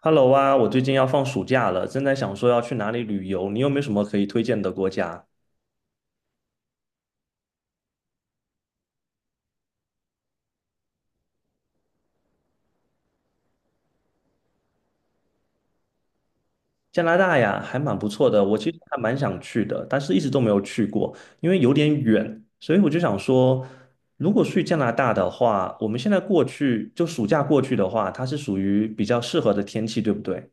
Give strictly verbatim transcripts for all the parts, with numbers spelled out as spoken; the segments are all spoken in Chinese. Hello 啊，我最近要放暑假了，正在想说要去哪里旅游，你有没有什么可以推荐的国家？加拿大呀，还蛮不错的，我其实还蛮想去的，但是一直都没有去过，因为有点远，所以我就想说，如果去加拿大的话，我们现在过去，就暑假过去的话，它是属于比较适合的天气，对不对？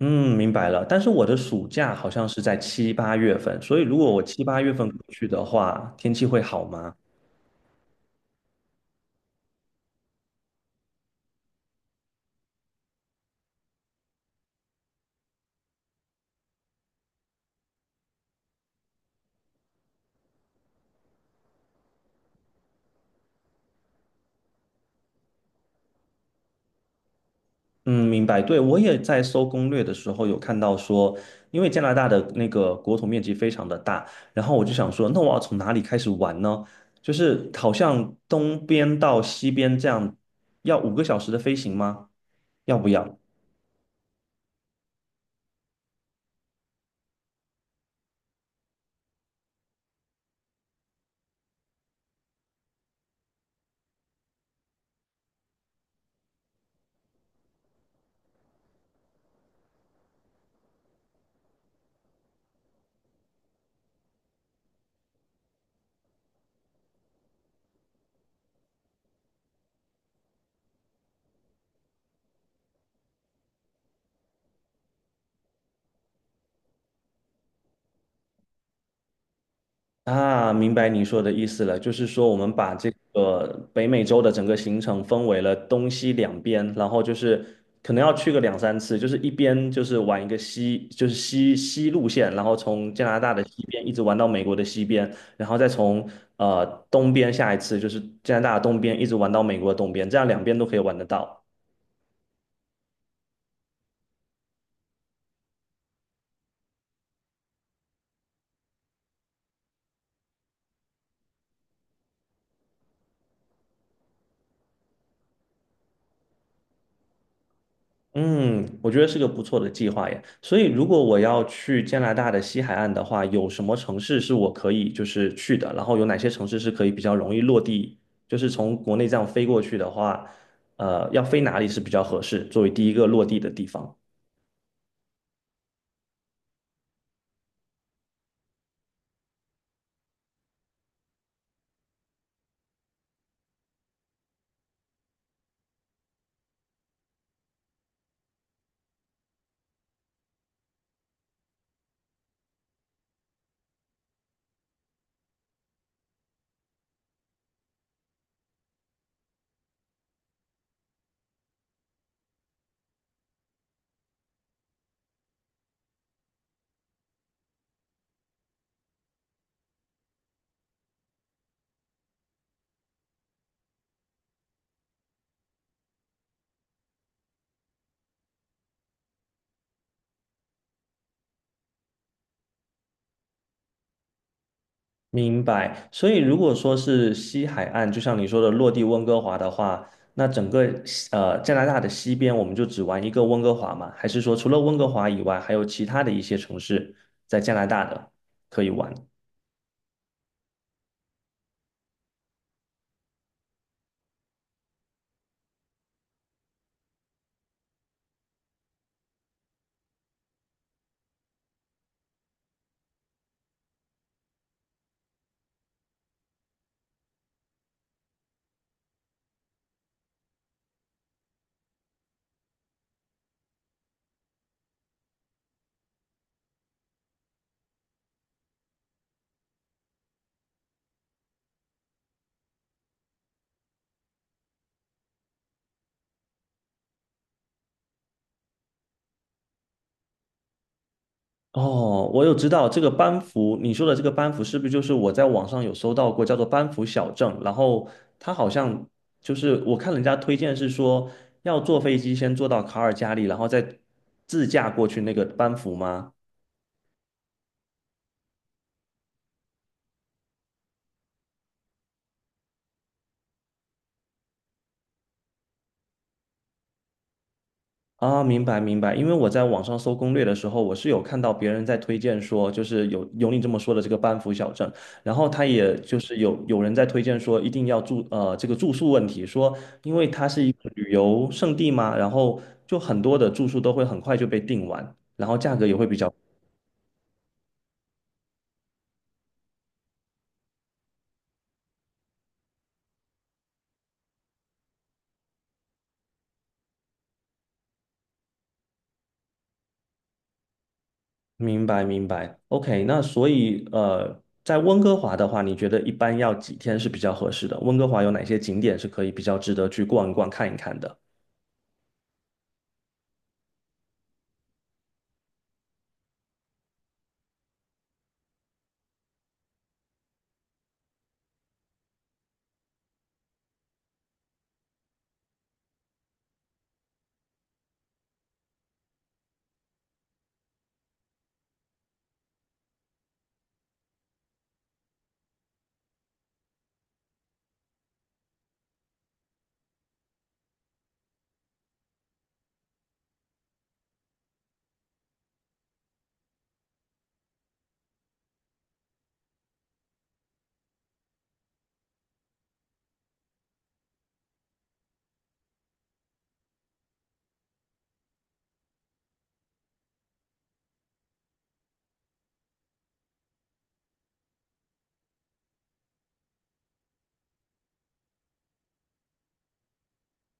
嗯，明白了。但是我的暑假好像是在七八月份，所以如果我七八月份过去的话，天气会好吗？嗯，明白。对，我也在搜攻略的时候有看到说，因为加拿大的那个国土面积非常的大，然后我就想说，那我要从哪里开始玩呢？就是好像东边到西边这样，要五个小时的飞行吗？要不要？啊，明白你说的意思了，就是说我们把这个北美洲的整个行程分为了东西两边，然后就是可能要去个两三次，就是一边就是玩一个西，就是西西路线，然后从加拿大的西边一直玩到美国的西边，然后再从呃东边下一次就是加拿大的东边一直玩到美国的东边，这样两边都可以玩得到。嗯，我觉得是个不错的计划耶。所以，如果我要去加拿大的西海岸的话，有什么城市是我可以就是去的？然后有哪些城市是可以比较容易落地？就是从国内这样飞过去的话，呃，要飞哪里是比较合适，作为第一个落地的地方？明白，所以如果说是西海岸，就像你说的落地温哥华的话，那整个西呃加拿大的西边，我们就只玩一个温哥华吗？还是说除了温哥华以外，还有其他的一些城市在加拿大的可以玩？哦，我有知道这个班夫，你说的这个班夫是不是就是我在网上有搜到过，叫做班夫小镇？然后它好像就是我看人家推荐是说要坐飞机先坐到卡尔加里，然后再自驾过去那个班夫吗？啊，明白明白，因为我在网上搜攻略的时候，我是有看到别人在推荐说，就是有有你这么说的这个班夫小镇，然后他也就是有有人在推荐说一定要住呃这个住宿问题，说因为它是一个旅游胜地嘛，然后就很多的住宿都会很快就被订完，然后价格也会比较。明白明白，O K，那所以呃，在温哥华的话，你觉得一般要几天是比较合适的？温哥华有哪些景点是可以比较值得去逛一逛、看一看的？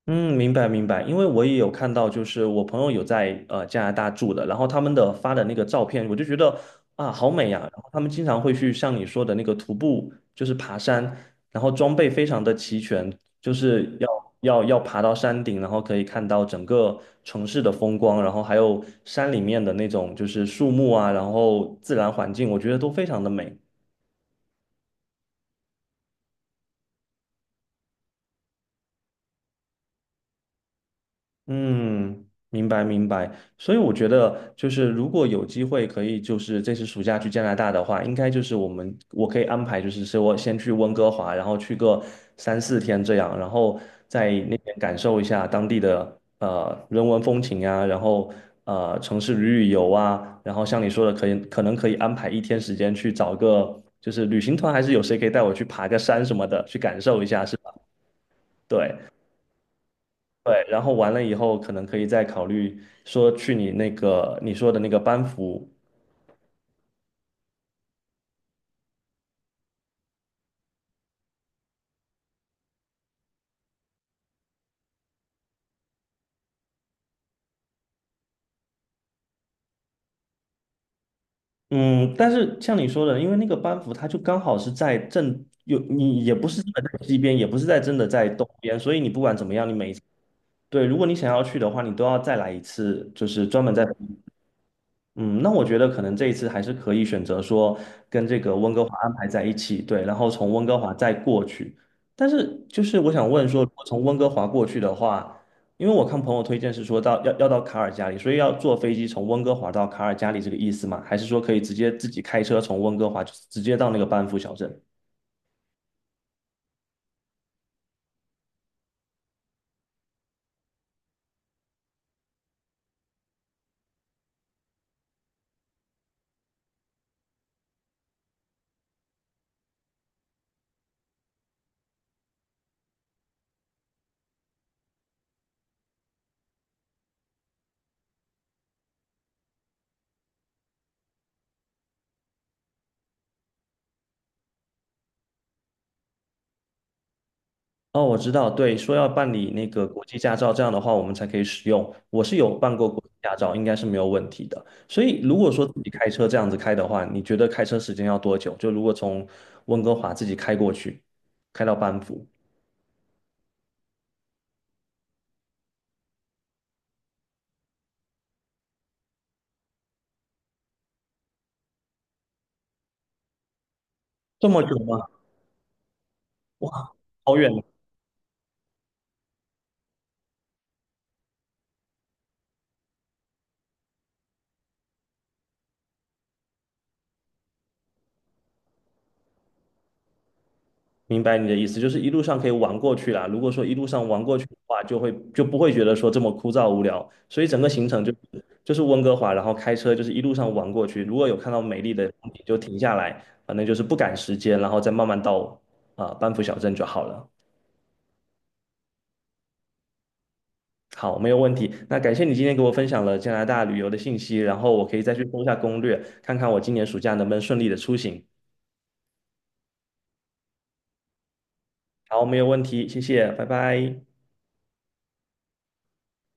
嗯，明白明白，因为我也有看到，就是我朋友有在呃加拿大住的，然后他们的发的那个照片，我就觉得啊好美呀、然后他们经常会去像你说的那个徒步，就是爬山，然后装备非常的齐全，就是要要要爬到山顶，然后可以看到整个城市的风光，然后还有山里面的那种就是树木啊，然后自然环境，我觉得都非常的美。嗯，明白明白。所以我觉得，就是如果有机会可以，就是这次暑假去加拿大的话，应该就是我们我可以安排，就是说我先去温哥华，然后去个三四天这样，然后在那边感受一下当地的呃人文风情啊，然后呃城市旅旅游啊，然后像你说的，可以可能可以安排一天时间去找个就是旅行团，还是有谁可以带我去爬个山什么的，去感受一下，是吧？对。对，然后完了以后，可能可以再考虑说去你那个你说的那个班服，嗯，但是像你说的，因为那个班服它就刚好是在正有你也不是真的在西边，也不是在真的在东边，所以你不管怎么样，你每一次对，如果你想要去的话，你都要再来一次，就是专门在。嗯，那我觉得可能这一次还是可以选择说跟这个温哥华安排在一起，对，然后从温哥华再过去。但是就是我想问说，如果从温哥华过去的话，因为我看朋友推荐是说到要要到卡尔加里，所以要坐飞机从温哥华到卡尔加里这个意思吗？还是说可以直接自己开车从温哥华就直接到那个班夫小镇？哦，我知道，对，说要办理那个国际驾照，这样的话我们才可以使用。我是有办过国际驾照，应该是没有问题的。所以如果说自己开车这样子开的话，你觉得开车时间要多久？就如果从温哥华自己开过去，开到班夫，这么久吗？哇，好远哦。明白你的意思，就是一路上可以玩过去啦。如果说一路上玩过去的话，就会就不会觉得说这么枯燥无聊。所以整个行程就是就是温哥华，然后开车就是一路上玩过去。如果有看到美丽的风景就停下来，反正就是不赶时间，然后再慢慢到啊、班夫小镇就好了。好，没有问题。那感谢你今天给我分享了加拿大旅游的信息，然后我可以再去搜一下攻略，看看我今年暑假能不能顺利的出行。好，没有问题，谢谢，拜拜。